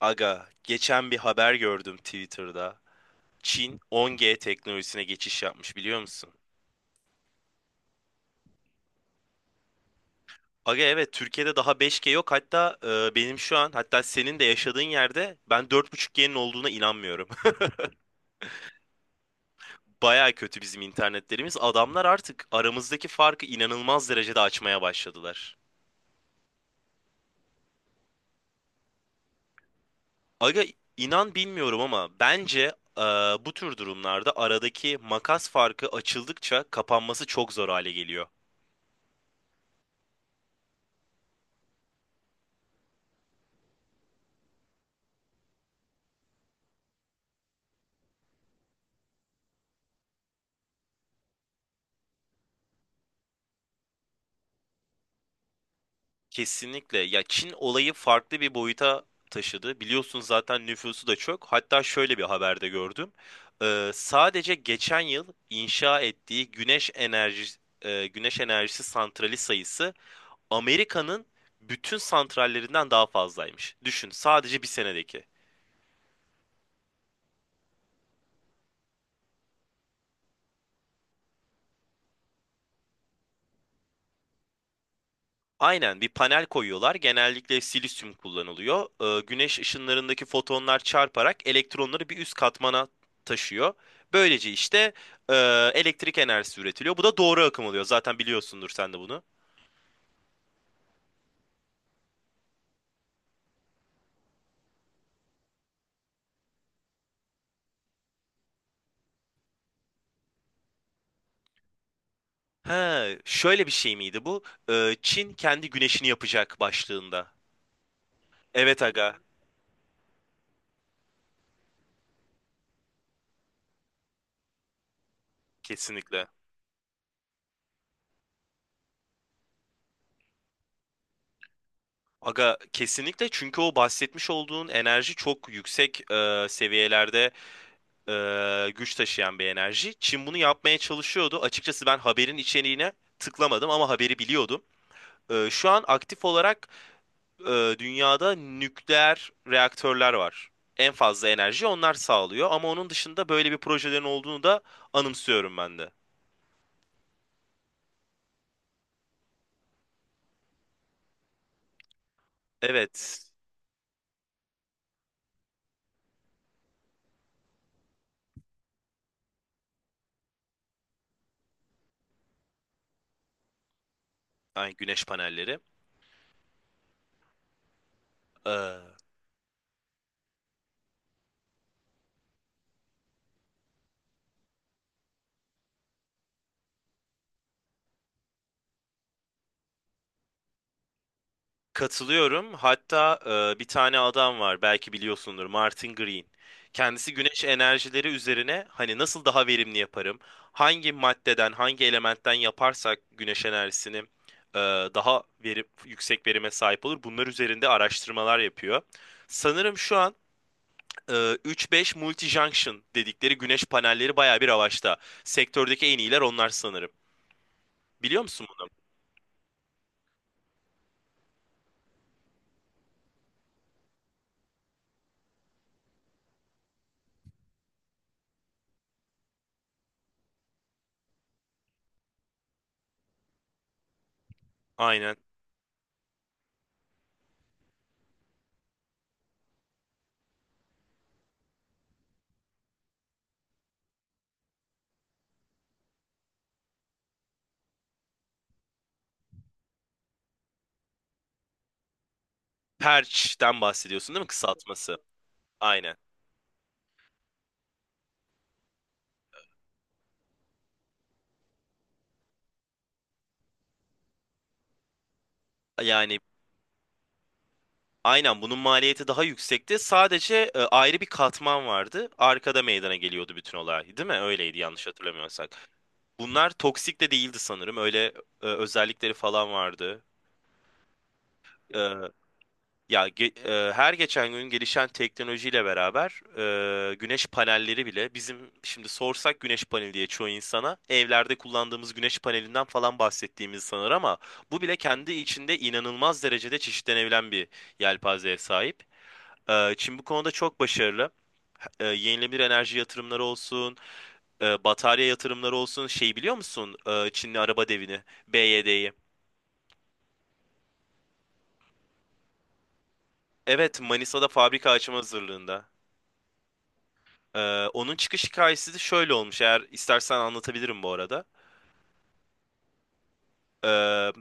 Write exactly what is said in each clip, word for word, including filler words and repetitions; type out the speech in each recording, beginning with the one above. Aga, geçen bir haber gördüm Twitter'da. Çin on ge teknolojisine geçiş yapmış biliyor musun? Aga evet Türkiye'de daha beş ge yok. Hatta e, benim şu an hatta senin de yaşadığın yerde ben dört buçuk ge'nin'nin olduğuna inanmıyorum. Baya kötü bizim internetlerimiz. Adamlar artık aramızdaki farkı inanılmaz derecede açmaya başladılar. Aga inan bilmiyorum ama bence e, bu tür durumlarda aradaki makas farkı açıldıkça kapanması çok zor hale geliyor. Kesinlikle. Ya Çin olayı farklı bir boyuta taşıdı. Biliyorsun zaten nüfusu da çok. Hatta şöyle bir haberde gördüm. Ee, sadece geçen yıl inşa ettiği güneş enerji e, güneş enerjisi santrali sayısı Amerika'nın bütün santrallerinden daha fazlaymış. Düşün, sadece bir senedeki. Aynen bir panel koyuyorlar. Genellikle silisyum kullanılıyor. Ee, güneş ışınlarındaki fotonlar çarparak elektronları bir üst katmana taşıyor. Böylece işte e, elektrik enerjisi üretiliyor. Bu da doğru akım oluyor. Zaten biliyorsundur sen de bunu. Ha, şöyle bir şey miydi bu? Ee, Çin kendi güneşini yapacak başlığında. Evet aga, kesinlikle. Aga kesinlikle çünkü o bahsetmiş olduğun enerji çok yüksek e, seviyelerde e, güç taşıyan bir enerji. Çin bunu yapmaya çalışıyordu. Açıkçası ben haberin içeriğine tıklamadım ama haberi biliyordum. E, şu an aktif olarak e, dünyada nükleer reaktörler var. En fazla enerji onlar sağlıyor ama onun dışında böyle bir projelerin olduğunu da anımsıyorum ben de. Evet, ay güneş panelleri. E, Katılıyorum. Hatta e, bir tane adam var belki biliyorsundur Martin Green. Kendisi güneş enerjileri üzerine hani nasıl daha verimli yaparım? Hangi maddeden, hangi elementten yaparsak güneş enerjisini e, daha verim, yüksek verime sahip olur. Bunlar üzerinde araştırmalar yapıyor. Sanırım şu an e, üç beş multi-junction dedikleri güneş panelleri baya bir avaçta. Sektördeki en iyiler onlar sanırım. Biliyor musun bunu? Aynen. Perç'ten bahsediyorsun değil mi kısaltması? Aynen. Yani aynen bunun maliyeti daha yüksekti. Sadece e, ayrı bir katman vardı. Arkada meydana geliyordu bütün olay, değil mi? Öyleydi yanlış hatırlamıyorsak. Bunlar toksik de değildi sanırım. Öyle e, özellikleri falan vardı. E, ya ge- e, her geçen gün gelişen teknolojiyle beraber e, güneş panelleri bile bizim şimdi sorsak güneş paneli diye çoğu insana evlerde kullandığımız güneş panelinden falan bahsettiğimizi sanır ama bu bile kendi içinde inanılmaz derecede çeşitlenebilen bir yelpazeye sahip. Ee, Çin bu konuda çok başarılı. Ee, Yenilenebilir enerji yatırımları olsun, e, batarya yatırımları olsun. Şey biliyor musun? Ee, Çinli araba devini, be ye de'yi. Evet, Manisa'da fabrika açma hazırlığında. Ee, Onun çıkış hikayesi de şöyle olmuş. Eğer istersen anlatabilirim bu arada. Ee,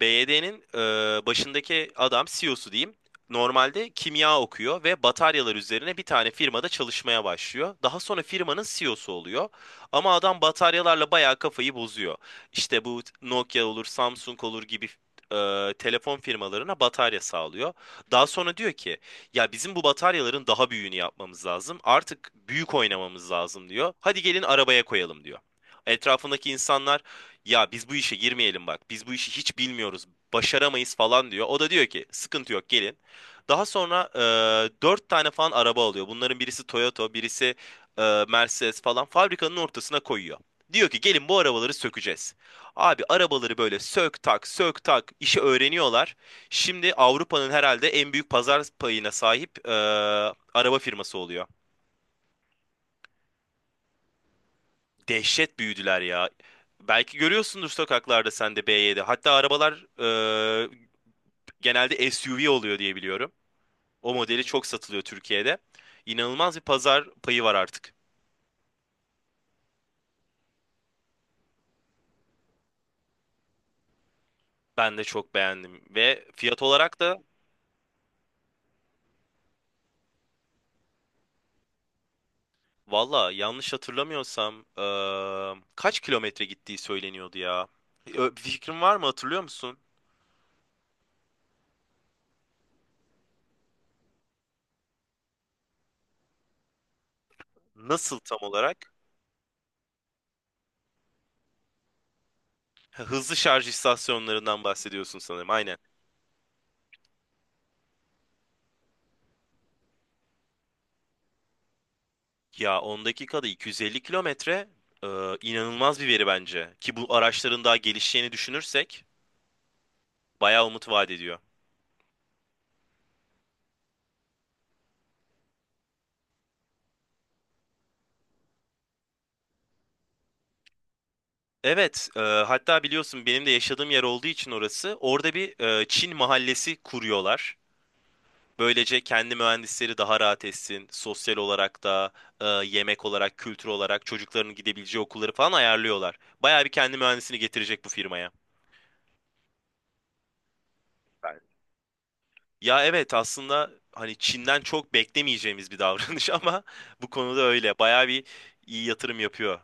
be ye de'nin e, başındaki adam ce e o'su diyeyim. Normalde kimya okuyor ve bataryalar üzerine bir tane firmada çalışmaya başlıyor. Daha sonra firmanın ce e o'su oluyor. Ama adam bataryalarla bayağı kafayı bozuyor. İşte bu Nokia olur, Samsung olur gibi e, telefon firmalarına batarya sağlıyor. Daha sonra diyor ki, ya bizim bu bataryaların daha büyüğünü yapmamız lazım. Artık büyük oynamamız lazım diyor. Hadi gelin arabaya koyalım diyor. Etrafındaki insanlar ya biz bu işe girmeyelim bak. Biz bu işi hiç bilmiyoruz. Başaramayız falan diyor. O da diyor ki sıkıntı yok gelin. Daha sonra e, dört tane falan araba alıyor. Bunların birisi Toyota, birisi e, Mercedes falan fabrikanın ortasına koyuyor. Diyor ki gelin bu arabaları sökeceğiz. Abi arabaları böyle sök tak sök tak işi öğreniyorlar. Şimdi Avrupa'nın herhalde en büyük pazar payına sahip e, araba firması oluyor. Dehşet büyüdüler ya. Belki görüyorsundur sokaklarda sen de be yedi. Hatta arabalar e, genelde SUV oluyor diye biliyorum. O modeli çok satılıyor Türkiye'de. İnanılmaz bir pazar payı var artık. Ben de çok beğendim. Ve fiyat olarak da valla yanlış hatırlamıyorsam e, kaç kilometre gittiği söyleniyordu ya. Ö- Bir fikrin var mı hatırlıyor musun? Nasıl tam olarak? Ha, hızlı şarj istasyonlarından bahsediyorsun sanırım. Aynen. Ya on dakikada iki yüz elli kilometre e, inanılmaz bir veri bence. Ki bu araçların daha gelişeceğini düşünürsek bayağı umut vaat ediyor. Evet, e, hatta biliyorsun benim de yaşadığım yer olduğu için orası. Orada bir e, Çin mahallesi kuruyorlar. Böylece kendi mühendisleri daha rahat etsin. Sosyal olarak da, e, yemek olarak, kültür olarak çocukların gidebileceği okulları falan ayarlıyorlar. Bayağı bir kendi mühendisini getirecek bu firmaya. Ya evet aslında hani Çin'den çok beklemeyeceğimiz bir davranış ama bu konuda öyle. Bayağı bir iyi yatırım yapıyor.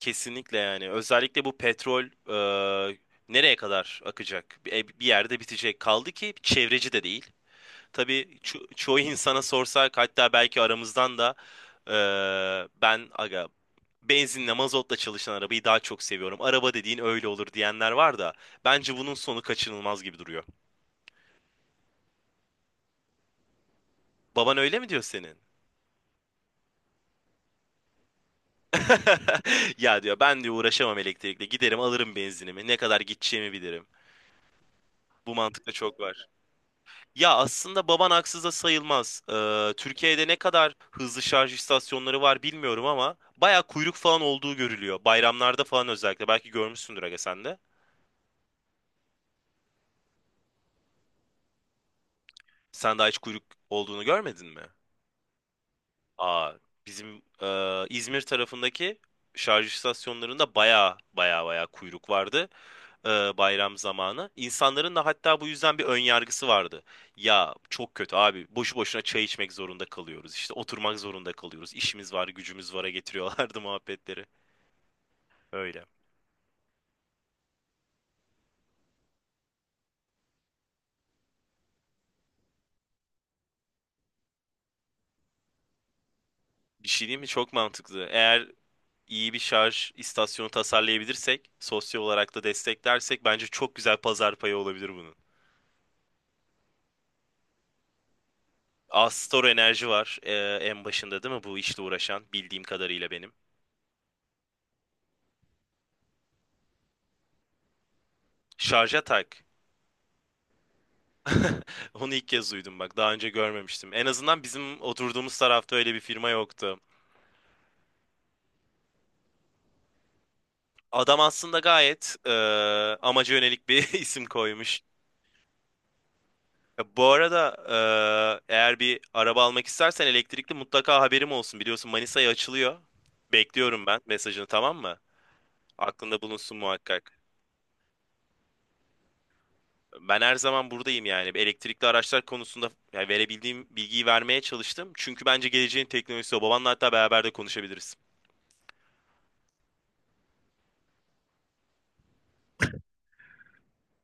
Kesinlikle yani. Özellikle bu petrol e, nereye kadar akacak? Bir, e, bir yerde bitecek. Kaldı ki çevreci de değil. Tabii ço- çoğu insana sorsak hatta belki aramızdan da e, ben aga benzinle mazotla çalışan arabayı daha çok seviyorum. Araba dediğin öyle olur diyenler var da bence bunun sonu kaçınılmaz gibi duruyor. Baban öyle mi diyor senin? Ya diyor ben diyor uğraşamam elektrikle. Giderim alırım benzinimi. Ne kadar gideceğimi bilirim. Bu mantıkta çok var. Ya aslında baban haksız da sayılmaz. Ee, Türkiye'de ne kadar hızlı şarj istasyonları var bilmiyorum ama baya kuyruk falan olduğu görülüyor. Bayramlarda falan özellikle. Belki görmüşsündür aga sen de. Sen daha hiç kuyruk olduğunu görmedin mi? Aa, bizim e, İzmir tarafındaki şarj istasyonlarında baya baya baya kuyruk vardı. e, bayram zamanı. İnsanların da hatta bu yüzden bir ön yargısı vardı. Ya çok kötü abi boşu boşuna çay içmek zorunda kalıyoruz. İşte oturmak zorunda kalıyoruz. İşimiz var, gücümüz var'a getiriyorlardı muhabbetleri. Öyle. Bir şey değil mi? Çok mantıklı. Eğer iyi bir şarj istasyonu tasarlayabilirsek, sosyal olarak da desteklersek bence çok güzel pazar payı olabilir bunun. Astor Enerji var e, en başında değil mi bu işle uğraşan bildiğim kadarıyla benim. Şarja tak. Onu ilk kez duydum bak. Daha önce görmemiştim. En azından bizim oturduğumuz tarafta öyle bir firma yoktu. Adam aslında gayet e, amaca yönelik bir isim koymuş. E, Bu arada e, eğer bir araba almak istersen elektrikli mutlaka haberim olsun. Biliyorsun Manisa'ya açılıyor. Bekliyorum ben mesajını tamam mı? Aklında bulunsun muhakkak. Ben her zaman buradayım yani. Elektrikli araçlar konusunda yani verebildiğim bilgiyi vermeye çalıştım. Çünkü bence geleceğin teknolojisi o. Babanla hatta beraber de konuşabiliriz.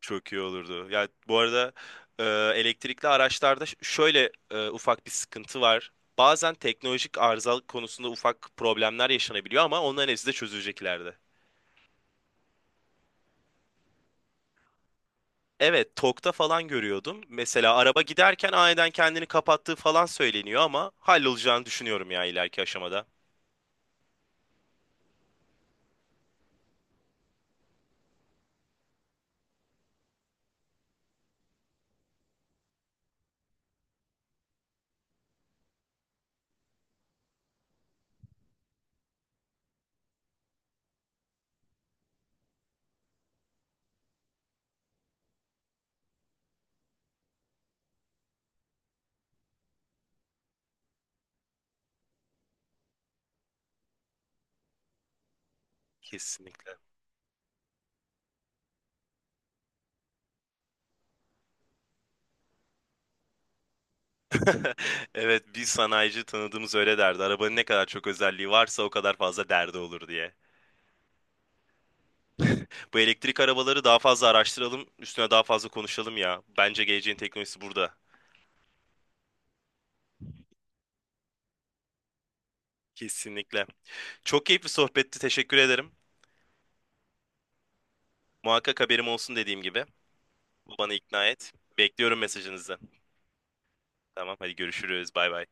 Çok iyi olurdu. Ya bu arada e, elektrikli araçlarda ş- şöyle e, ufak bir sıkıntı var. Bazen teknolojik arızalık konusunda ufak problemler yaşanabiliyor ama onların hepsi de çözülecek ileride. Evet, tok'ta falan görüyordum. Mesela araba giderken aniden kendini kapattığı falan söyleniyor ama hallolacağını düşünüyorum ya ileriki aşamada. Kesinlikle. Evet, bir sanayici tanıdığımız öyle derdi. Arabanın ne kadar çok özelliği varsa o kadar fazla derdi olur diye. Bu elektrik arabaları daha fazla araştıralım, üstüne daha fazla konuşalım ya. Bence geleceğin teknolojisi burada. Kesinlikle. Çok keyifli sohbetti, teşekkür ederim. Muhakkak haberim olsun dediğim gibi. Bana ikna et. Bekliyorum mesajınızı. Tamam, hadi görüşürüz. Bay bay.